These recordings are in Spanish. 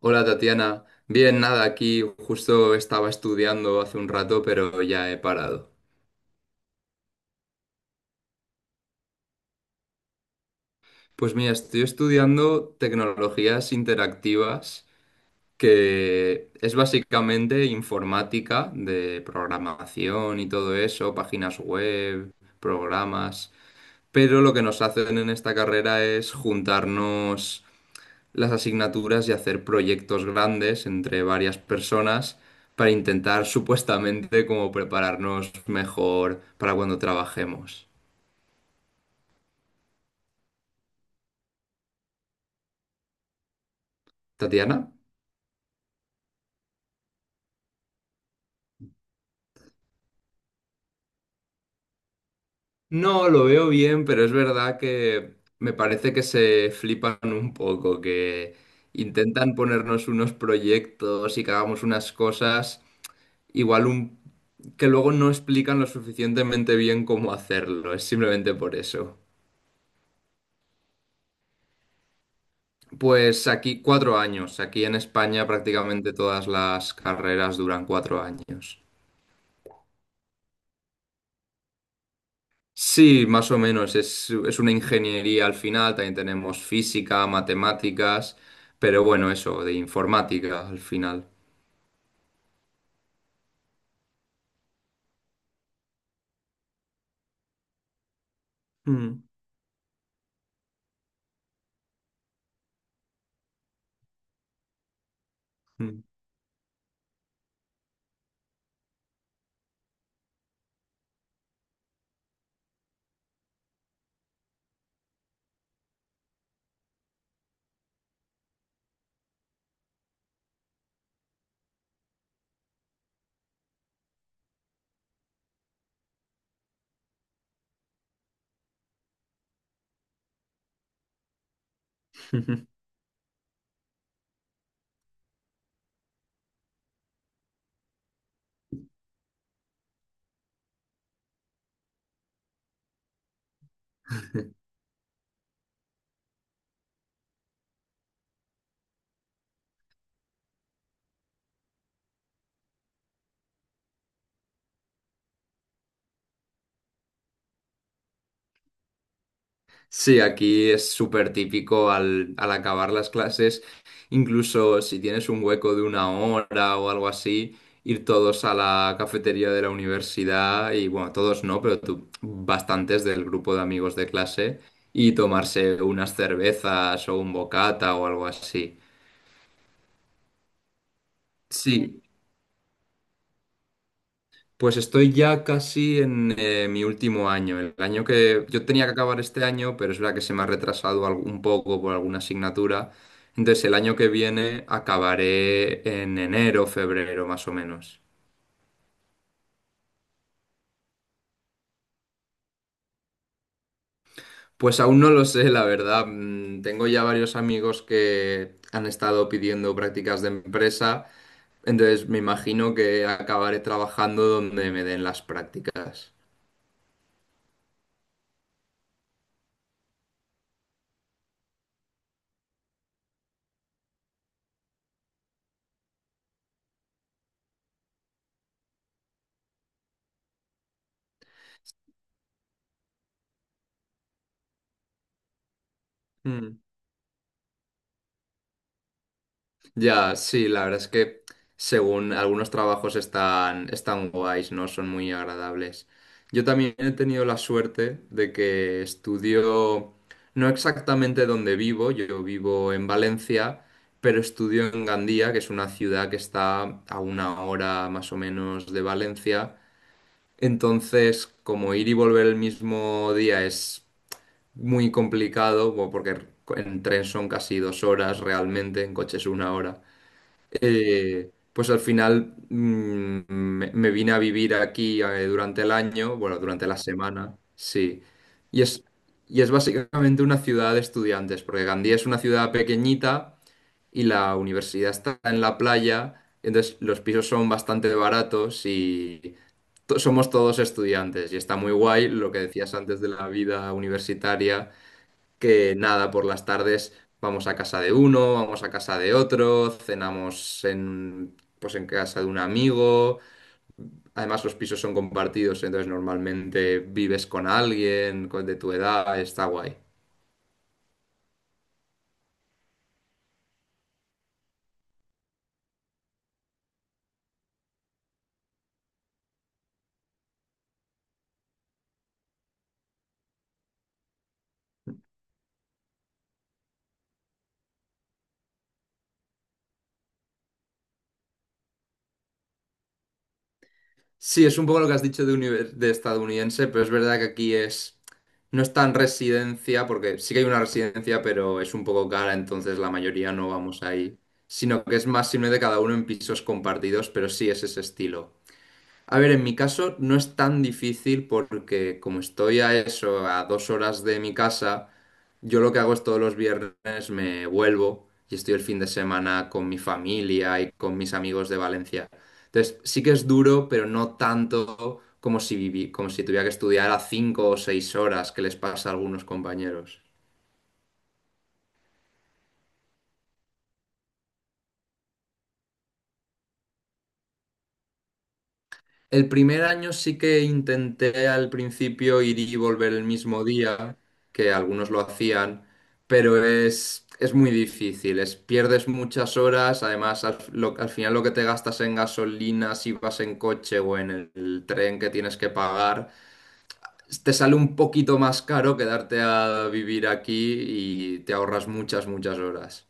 Hola Tatiana, bien, nada, aquí justo estaba estudiando hace un rato, pero ya he parado. Pues mira, estoy estudiando tecnologías interactivas, que es básicamente informática de programación y todo eso, páginas web, programas, pero lo que nos hacen en esta carrera es juntarnos las asignaturas y hacer proyectos grandes entre varias personas para intentar supuestamente como prepararnos mejor para cuando trabajemos. ¿Tatiana? No, lo veo bien, pero es verdad que me parece que se flipan un poco, que intentan ponernos unos proyectos y que hagamos unas cosas igual que luego no explican lo suficientemente bien cómo hacerlo, es simplemente por eso. Pues aquí 4 años. Aquí en España prácticamente todas las carreras duran 4 años. Sí, más o menos. Es una ingeniería al final. También tenemos física, matemáticas, pero bueno, eso, de informática al final. Mm, mm. Sí, aquí es súper típico al acabar las clases, incluso si tienes un hueco de 1 hora o algo así, ir todos a la cafetería de la universidad y bueno, todos no, pero tú, bastantes del grupo de amigos de clase y tomarse unas cervezas o un bocata o algo así. Sí, pues estoy ya casi en mi último año. El año que yo tenía que acabar este año, pero es verdad que se me ha retrasado un poco por alguna asignatura. Entonces el año que viene acabaré en enero, febrero, más o menos. Pues aún no lo sé, la verdad. Tengo ya varios amigos que han estado pidiendo prácticas de empresa. Entonces me imagino que acabaré trabajando donde me den las prácticas. Ya, sí, la verdad es que según algunos trabajos están guays, ¿no? Son muy agradables. Yo también he tenido la suerte de que estudio, no exactamente donde vivo, yo vivo en Valencia, pero estudio en Gandía, que es una ciudad que está a 1 hora más o menos de Valencia. Entonces, como ir y volver el mismo día es muy complicado, bueno, porque en tren son casi 2 horas realmente, en coche es 1 hora pues al final me vine a vivir aquí durante el año, bueno, durante la semana, sí. Y es, y es básicamente una ciudad de estudiantes, porque Gandía es una ciudad pequeñita y la universidad está en la playa, entonces los pisos son bastante baratos y somos todos estudiantes. Y está muy guay lo que decías antes de la vida universitaria que nada, por las tardes vamos a casa de uno, vamos a casa de otro, cenamos en, pues en casa de un amigo. Además, los pisos son compartidos, entonces normalmente vives con alguien de tu edad, está guay. Sí, es un poco lo que has dicho de estadounidense, pero es verdad que aquí es. No es tan residencia, porque sí que hay una residencia, pero es un poco cara, entonces la mayoría no vamos ahí. Sino que es más de cada uno en pisos compartidos, pero sí es ese estilo. A ver, en mi caso no es tan difícil porque como estoy a eso, a 2 horas de mi casa, yo lo que hago es todos los viernes me vuelvo y estoy el fin de semana con mi familia y con mis amigos de Valencia. Entonces, sí que es duro, pero no tanto como si tuviera que estudiar a 5 o 6 horas que les pasa a algunos compañeros. El primer año sí que intenté al principio ir y volver el mismo día, que algunos lo hacían, pero es muy difícil, es, pierdes muchas horas, además al final lo que te gastas en gasolina, si vas en coche o en el tren que tienes que pagar, te sale un poquito más caro quedarte a vivir aquí y te ahorras muchas, muchas horas.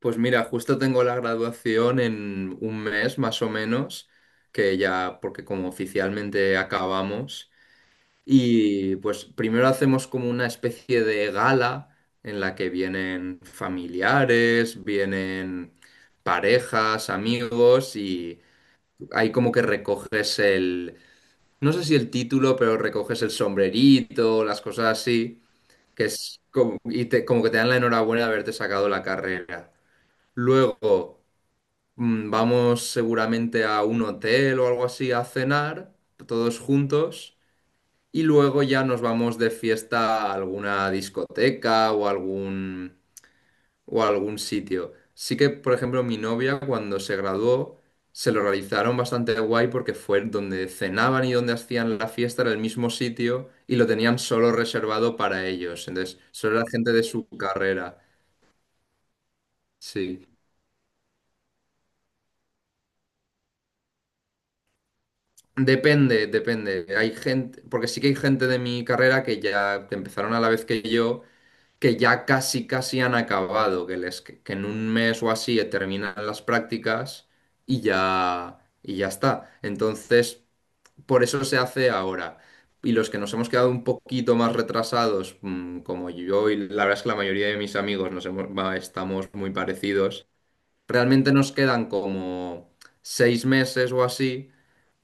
Pues mira, justo tengo la graduación en un mes más o menos, que ya, porque como oficialmente acabamos, y pues primero hacemos como una especie de gala en la que vienen familiares, vienen parejas, amigos, y ahí como que recoges el, no sé si el título, pero recoges el sombrerito, las cosas así, que es como, y como que te dan la enhorabuena de haberte sacado la carrera. Luego. Vamos seguramente a un hotel o algo así a cenar, todos juntos, y luego ya nos vamos de fiesta a alguna discoteca o algún, o a algún sitio. Sí que, por ejemplo, mi novia cuando se graduó, se lo realizaron bastante guay porque fue donde cenaban y donde hacían la fiesta, era el mismo sitio y lo tenían solo reservado para ellos. Entonces, solo era gente de su carrera. Sí. Depende, depende. Hay gente, porque sí que hay gente de mi carrera que ya empezaron a la vez que yo, que ya casi, casi han acabado, que que en un mes o así terminan las prácticas y ya está. Entonces, por eso se hace ahora. Y los que nos hemos quedado un poquito más retrasados, como yo y la verdad es que la mayoría de mis amigos nos hemos, va, estamos muy parecidos, realmente nos quedan como 6 meses o así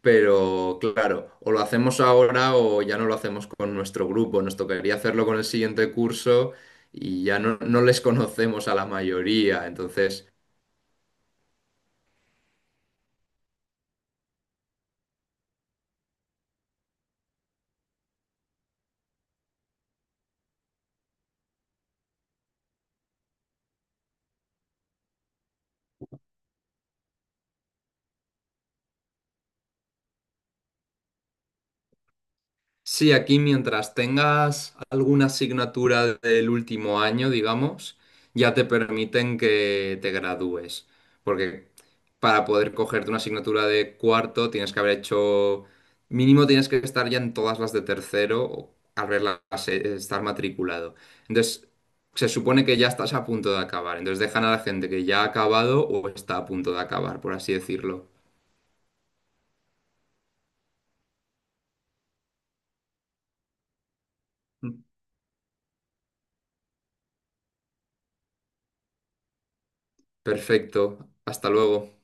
pero claro, o lo hacemos ahora o ya no lo hacemos con nuestro grupo. Nos tocaría hacerlo con el siguiente curso y ya no, no les conocemos a la mayoría. Entonces, sí, aquí mientras tengas alguna asignatura del último año, digamos, ya te permiten que te gradúes. Porque para poder cogerte una asignatura de cuarto tienes que haber hecho, mínimo tienes que estar ya en todas las de tercero o haberlas, estar matriculado. Entonces, se supone que ya estás a punto de acabar. Entonces dejan a la gente que ya ha acabado o está a punto de acabar, por así decirlo. Perfecto. Hasta luego.